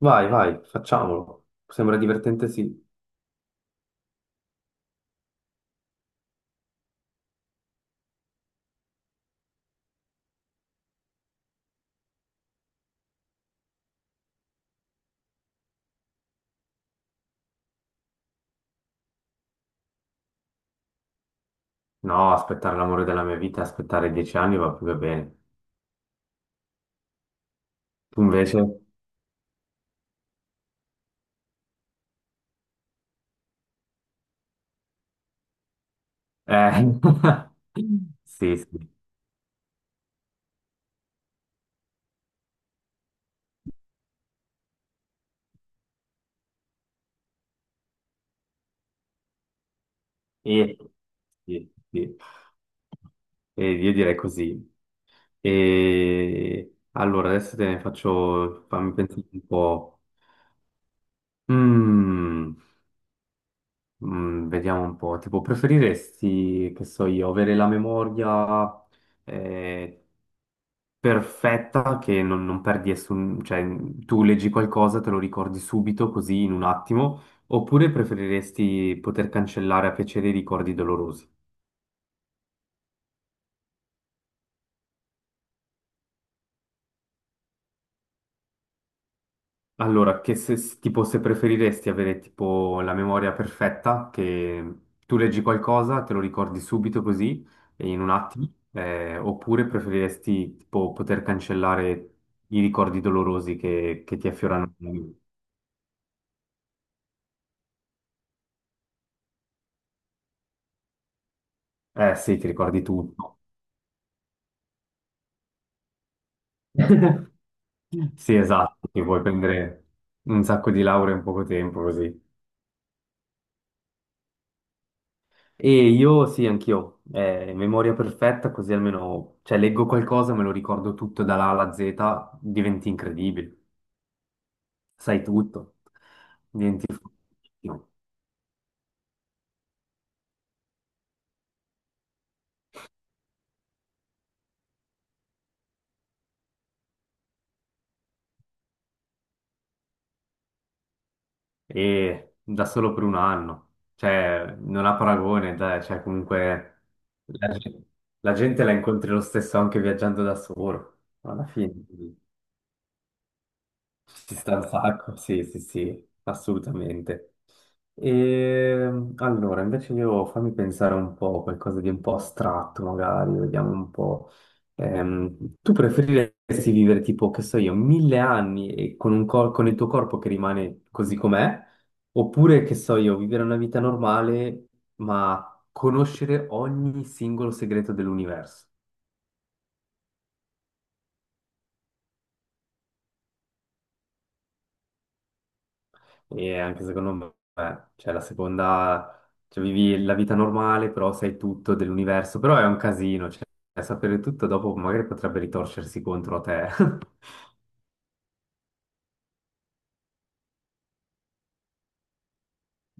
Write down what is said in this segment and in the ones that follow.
Vai, vai, facciamolo. Sembra divertente, sì. No, aspettare l'amore della mia vita, aspettare dieci anni va più che bene. Tu invece? Eh, sì, sì. E- sì, sì. E io direi così. E allora adesso te ne faccio, fammi pensare un po'. Mm, vediamo un po'. Tipo, preferiresti, che so io, avere la memoria, eh, perfetta che non perdi nessun, cioè tu leggi qualcosa, te lo ricordi subito, così in un attimo, oppure preferiresti poter cancellare a piacere i ricordi dolorosi? Allora, che se, tipo se preferiresti avere tipo la memoria perfetta, che tu leggi qualcosa, te lo ricordi subito così, e in un attimo, oppure preferiresti tipo poter cancellare i ricordi dolorosi che ti affiorano? Eh sì, ti ricordi tutto. Sì, esatto, ti puoi prendere un sacco di lauree in poco tempo così. E io sì, anch'io, memoria perfetta, così almeno, cioè, leggo qualcosa, me lo ricordo tutto dalla A alla Z, diventi incredibile, sai tutto, diventi fortissimo. E da solo per un anno, cioè, non ha paragone, dai, cioè, comunque, la, gen- la gente la incontri lo stesso anche viaggiando da solo, alla fine. Ci sta un sacco, sì, sì, sì, assolutamente. E allora, invece io fammi pensare un po', qualcosa di un po' astratto magari, vediamo un po'. Tu preferiresti vivere tipo, che so io, mille anni e con il tuo corpo che rimane così com'è, oppure, che so io, vivere una vita normale ma conoscere ogni singolo segreto dell'universo? E anche secondo me, cioè la seconda, cioè vivi la vita normale, però sai tutto dell'universo, però è un casino, cioè sapere tutto dopo magari potrebbe ritorcersi contro a te.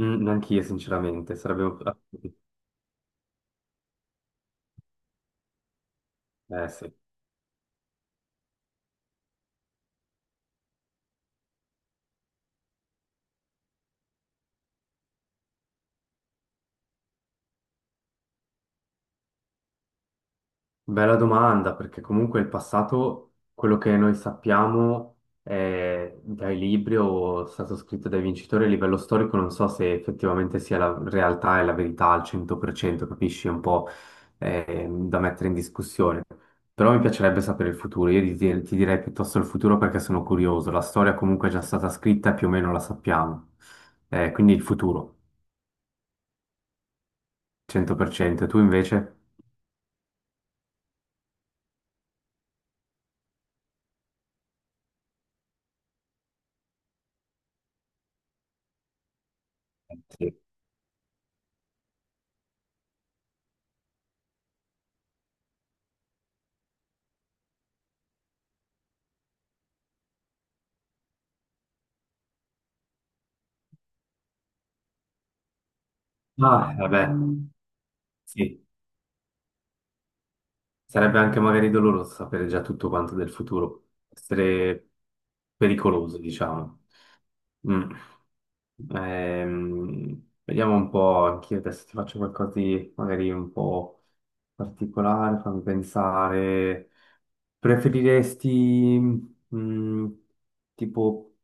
Anch'io, sinceramente, sarebbe sì. Bella domanda, perché comunque il passato, quello che noi sappiamo è dai libri o è stato scritto dai vincitori a livello storico, non so se effettivamente sia la realtà e la verità al 100%, capisci? È un po' da mettere in discussione. Però mi piacerebbe sapere il futuro, io ti direi piuttosto il futuro perché sono curioso, la storia comunque è già stata scritta e più o meno la sappiamo. Quindi il futuro, 100%, tu invece? Sì. Ah, vabbè, sì. Sarebbe anche magari doloroso sapere già tutto quanto del futuro, essere pericoloso, diciamo. Mm. Vediamo un po', anch'io adesso ti faccio qualcosa di magari un po' particolare, fammi pensare. Preferiresti, mm, tipo,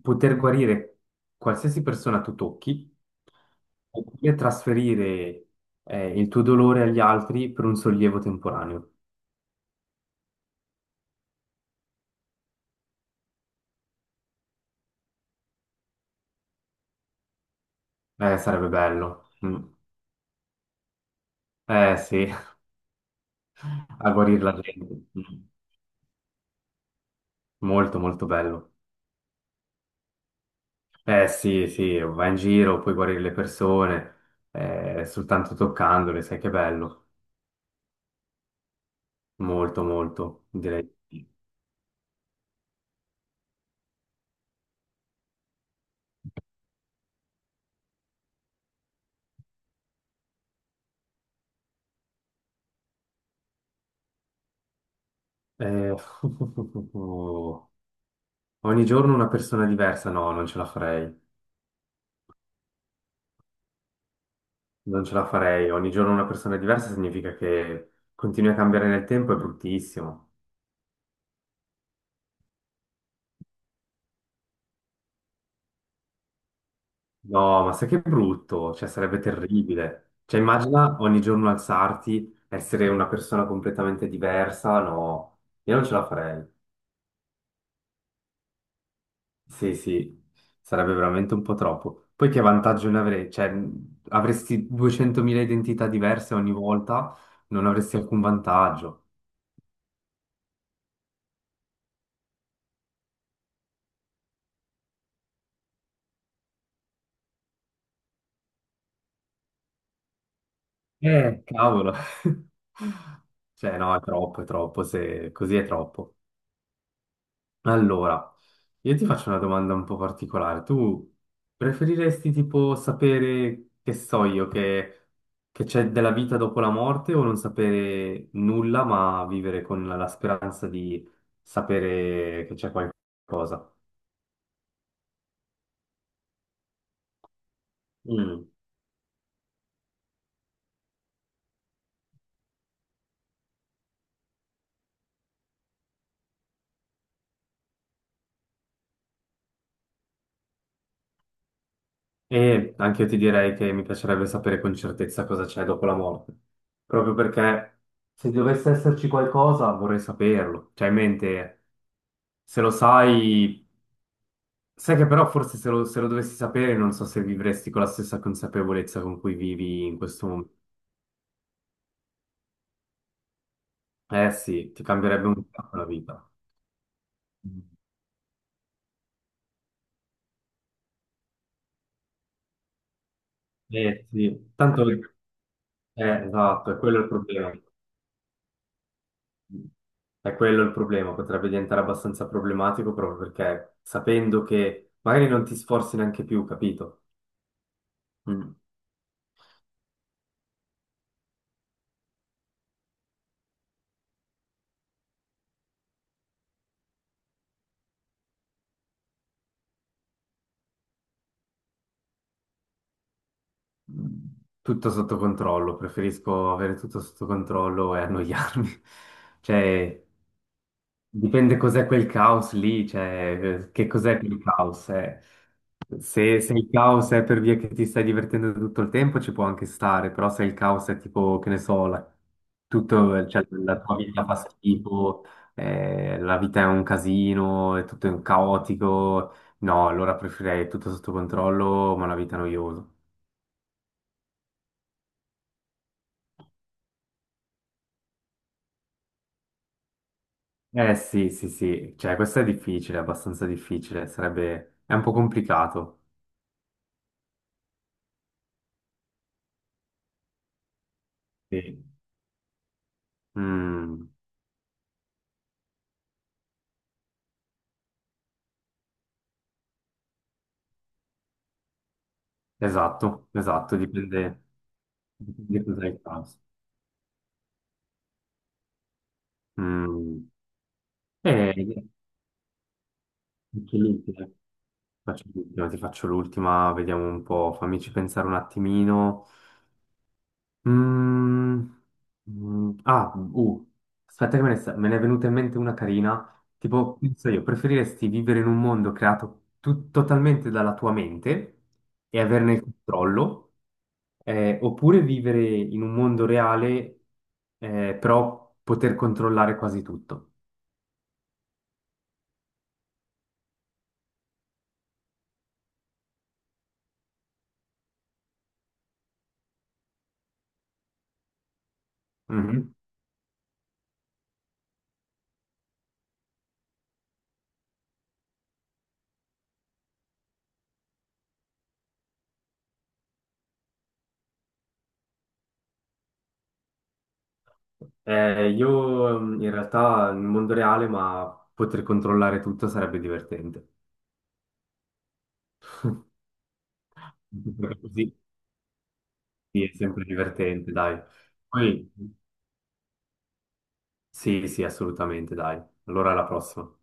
poter guarire qualsiasi persona tu tocchi oppure trasferire, il tuo dolore agli altri per un sollievo temporaneo? Sarebbe bello. Mm. Eh sì, a guarire la gente. Mm. Molto, molto bello. Eh sì, sì, vai in giro, puoi guarire le persone, soltanto toccandole, sai che bello. Molto, molto, direi. Eh, ogni giorno una persona diversa, no, non ce la farei. Non ce la farei. Ogni giorno una persona diversa significa che continui a cambiare nel tempo, è bruttissimo. No, ma sai che brutto, cioè sarebbe terribile. Cioè immagina ogni giorno alzarti, essere una persona completamente diversa, no, io non ce la farei. Sì, sì, sarebbe veramente un po' troppo. Poi che vantaggio ne avrei? Cioè avresti 200.000 identità diverse ogni volta, non avresti alcun vantaggio. Cavolo. Cioè no, è troppo, se così è troppo. Allora, io ti faccio una domanda un po' particolare. Tu preferiresti tipo sapere, che so io, che c'è della vita dopo la morte o non sapere nulla, ma vivere con la speranza di sapere che c'è qualcosa? Mm. E anche io ti direi che mi piacerebbe sapere con certezza cosa c'è dopo la morte, proprio perché se dovesse esserci qualcosa vorrei saperlo. Cioè, in mente, se lo sai. Sai che però forse se lo dovessi sapere non so se vivresti con la stessa consapevolezza con cui vivi in questo momento. Eh sì, ti cambierebbe un po' la vita. Eh sì, tanto esatto, è quello il problema. È quello il problema, potrebbe diventare abbastanza problematico proprio perché sapendo che magari non ti sforzi neanche più, capito? Mm. Tutto sotto controllo, preferisco avere tutto sotto controllo e annoiarmi. Cioè, dipende cos'è quel caos lì, cioè che cos'è quel caos, eh. Se, se il caos è per via che ti stai divertendo tutto il tempo ci può anche stare, però se il caos è tipo, che ne so, tutto, cioè, la tua vita fa schifo, la vita è un casino, è tutto un caotico, no, allora preferirei tutto sotto controllo, ma una vita noiosa. Eh sì, sì, sì, cioè questo è difficile, abbastanza difficile, sarebbe, è un po' complicato. Sì. Mm. Esatto, esatto, dipende da cosa è il caso. Mm. E faccio l'ultima, faccio l'ultima, ti faccio l'ultima, vediamo un po', fammici pensare un attimino. Mm, mm, ah, uh, aspetta che me ne è venuta in mente una carina. Tipo, penso io, preferiresti vivere in un mondo creato totalmente dalla tua mente e averne il controllo, oppure vivere in un mondo reale, però poter controllare quasi tutto? Mhm. Io in realtà nel mondo reale, ma poter controllare tutto sarebbe divertente. Così sì, è sempre divertente, dai. Poi, sì, sì, assolutamente, dai. Allora alla prossima.